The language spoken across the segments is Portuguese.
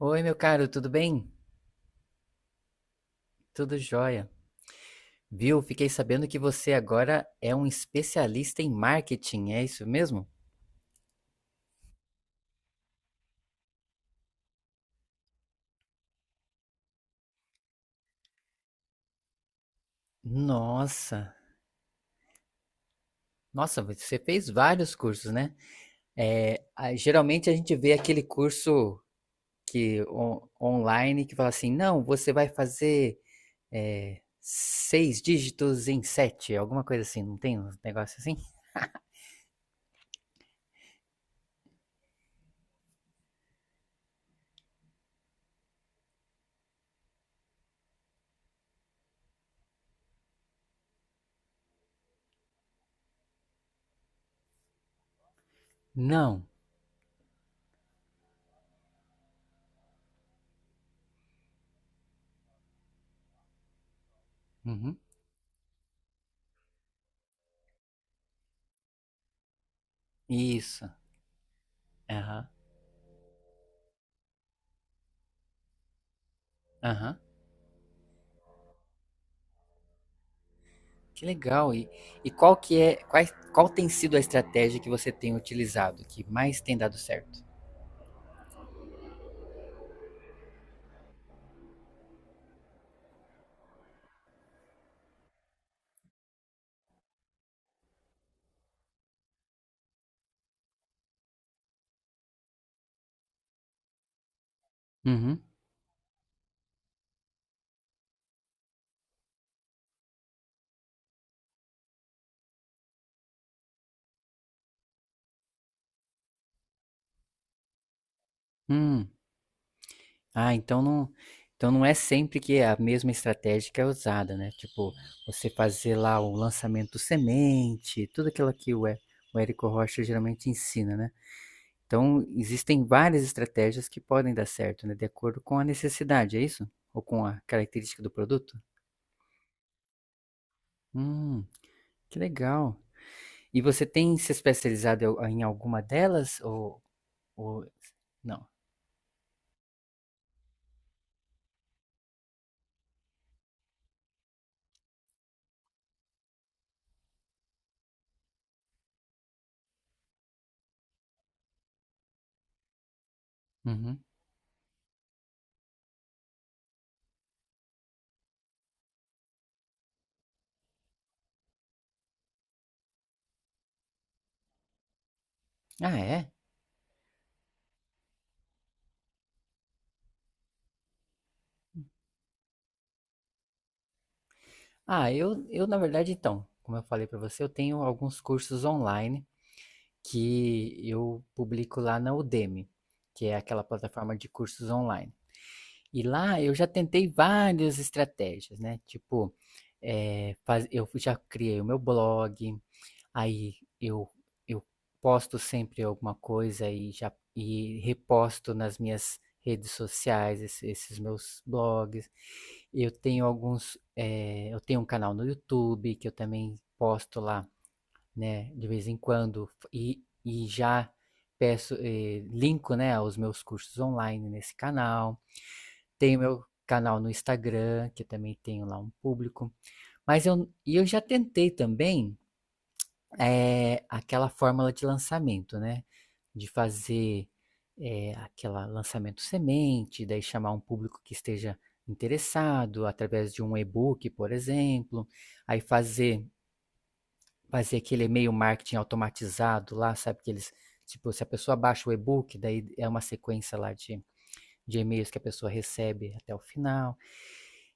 Oi, meu caro, tudo bem? Tudo jóia. Viu? Fiquei sabendo que você agora é um especialista em marketing, é isso mesmo? Nossa, nossa, você fez vários cursos, né? Geralmente a gente vê aquele curso online que fala assim, não, você vai fazer seis dígitos em sete, alguma coisa assim, não tem um negócio assim? Não. Uhum. Isso. Aham. Aham. Que legal. E qual tem sido a estratégia que você tem utilizado, que mais tem dado certo? Uhum. Hum. Ah, então não é sempre que é a mesma estratégia que é usada, né? Tipo, você fazer lá o lançamento semente, tudo aquilo que o Érico Rocha geralmente ensina, né? Então existem várias estratégias que podem dar certo, né? De acordo com a necessidade, é isso? Ou com a característica do produto? Hum, que legal. E você tem se especializado em alguma delas? Ou não? Uhum. Ah, é? Ah, na verdade, então, como eu falei para você, eu tenho alguns cursos online que eu publico lá na Udemy, que é aquela plataforma de cursos online. E lá eu já tentei várias estratégias, né? Tipo, eu já criei o meu blog. Aí eu eu posto sempre alguma coisa e já reposto nas minhas redes sociais esses meus blogs. Eu tenho um canal no YouTube que eu também posto lá, né, de vez em quando, e já peço, linko, né, aos meus cursos online nesse canal. Tenho meu canal no Instagram, que eu também tenho lá um público. Mas eu já tentei também aquela fórmula de lançamento, né? De fazer aquele lançamento semente, daí chamar um público que esteja interessado através de um e-book, por exemplo, aí fazer aquele e-mail marketing automatizado lá, sabe, que eles, tipo, se a pessoa baixa o e-book, daí é uma sequência lá de e-mails que a pessoa recebe até o final.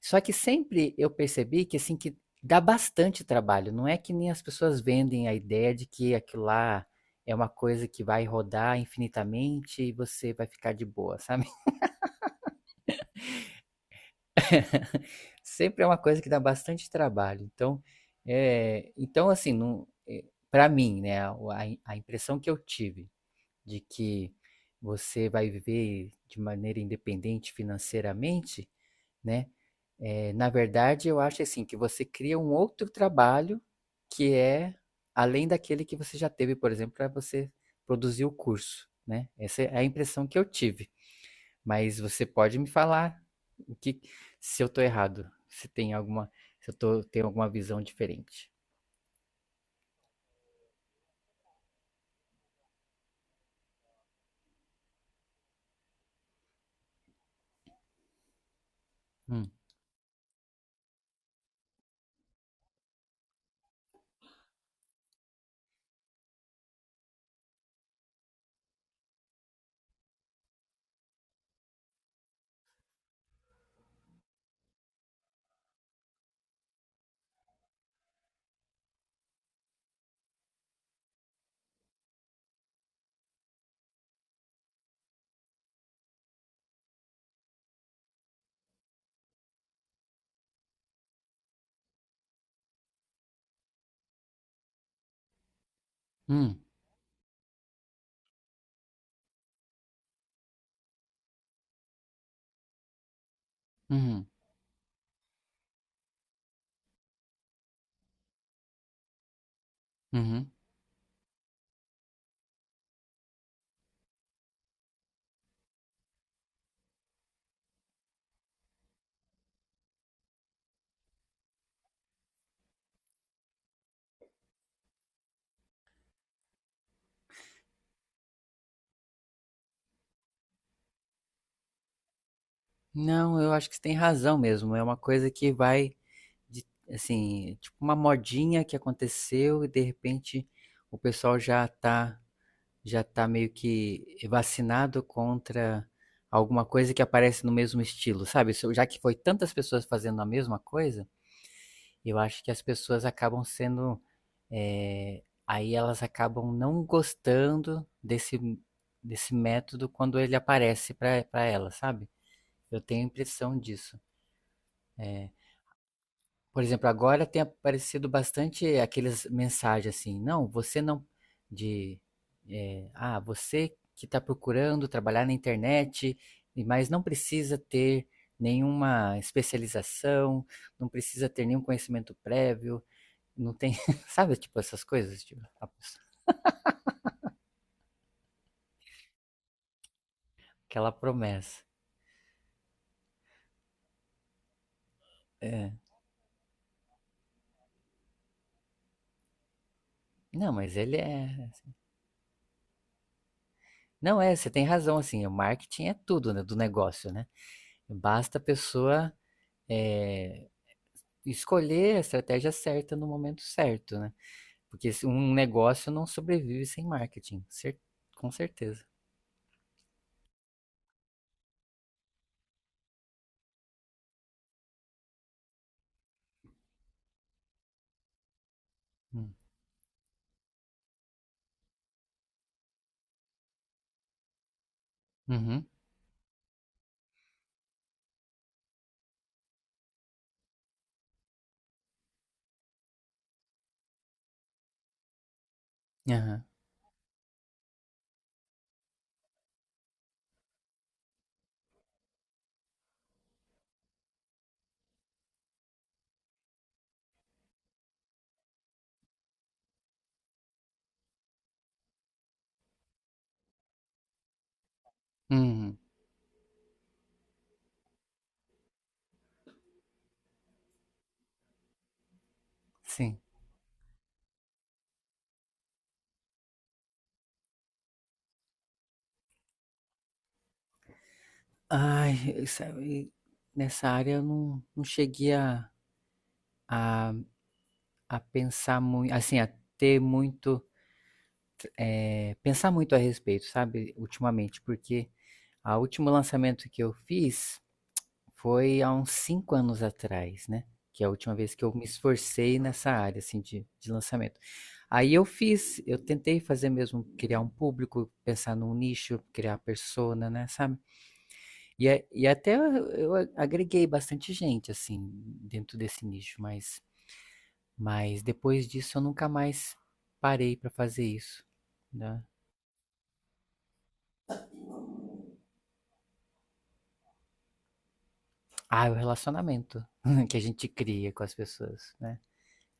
Só que sempre eu percebi que, assim, que dá bastante trabalho. Não é que nem as pessoas vendem a ideia de que aquilo lá é uma coisa que vai rodar infinitamente e você vai ficar de boa, sabe? Sempre é uma coisa que dá bastante trabalho. Então, assim, não, para mim, né, a impressão que eu tive de que você vai viver de maneira independente financeiramente, né? Na verdade, eu acho assim que você cria um outro trabalho que é além daquele que você já teve, por exemplo, para você produzir o curso, né? Essa é a impressão que eu tive. Mas você pode me falar o que se eu tô errado, se tem se eu tenho alguma visão diferente. Hum, hum, uhum, uhum. Não, eu acho que você tem razão mesmo. É uma coisa que De, assim, tipo, uma modinha que aconteceu e de repente o pessoal já tá meio que vacinado contra alguma coisa que aparece no mesmo estilo, sabe? Isso- Já que foi tantas pessoas fazendo a mesma coisa, eu acho que as pessoas acabam sendo. Aí elas acabam não gostando desse método quando ele aparece para elas, sabe? Eu tenho a impressão disso. É, por exemplo, agora tem aparecido bastante aquelas mensagens assim, não, você não, de, é, ah, você que está procurando trabalhar na internet, mas não precisa ter nenhuma especialização, não precisa ter nenhum conhecimento prévio, não tem, sabe, tipo essas coisas, aquela promessa. É. Não, mas ele é, não, é, você tem razão, assim, o marketing é tudo, né, do negócio, né? Basta a pessoa eh, escolher a estratégia certa no momento certo, né? Porque se- Um negócio não sobrevive sem marketing, com certeza. Hum. Uhum. Aham. Uhum. Sim. Ai, sabe, nessa área eu não cheguei a, a pensar muito, assim, a ter pensar muito a respeito, sabe, ultimamente, porque a último lançamento que eu fiz foi há uns 5 anos atrás, né, que é a última vez que eu me esforcei nessa área, assim, de lançamento. Aí eu fiz, eu tentei fazer mesmo, criar um público, pensar num nicho, criar persona, né, sabe. E a e até eu a- Agreguei bastante gente, assim, dentro desse nicho, mas depois disso eu nunca mais parei para fazer isso, né. Ah, o relacionamento que a gente cria com as pessoas, né.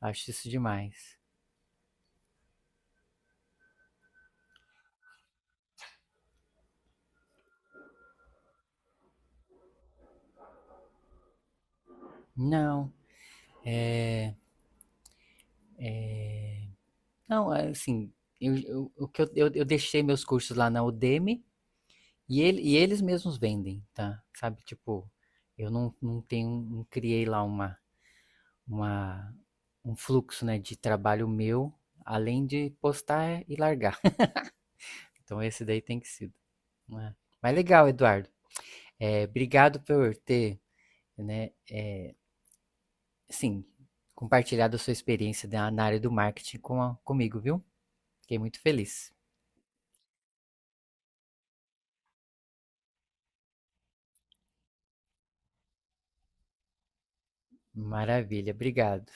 Acho isso demais. Não. Não, é assim, eu, o que eu deixei meus cursos lá na Udemy e eles mesmos vendem, tá? Sabe, tipo, eu não tenho, não criei lá uma, um fluxo, né, de trabalho meu, além de postar e largar. Então esse daí tem que ser. Né? Mas legal, Eduardo. Obrigado por ter, né, é, sim, compartilhado a sua experiência na área do marketing comigo, viu? Fiquei muito feliz. Maravilha, obrigado.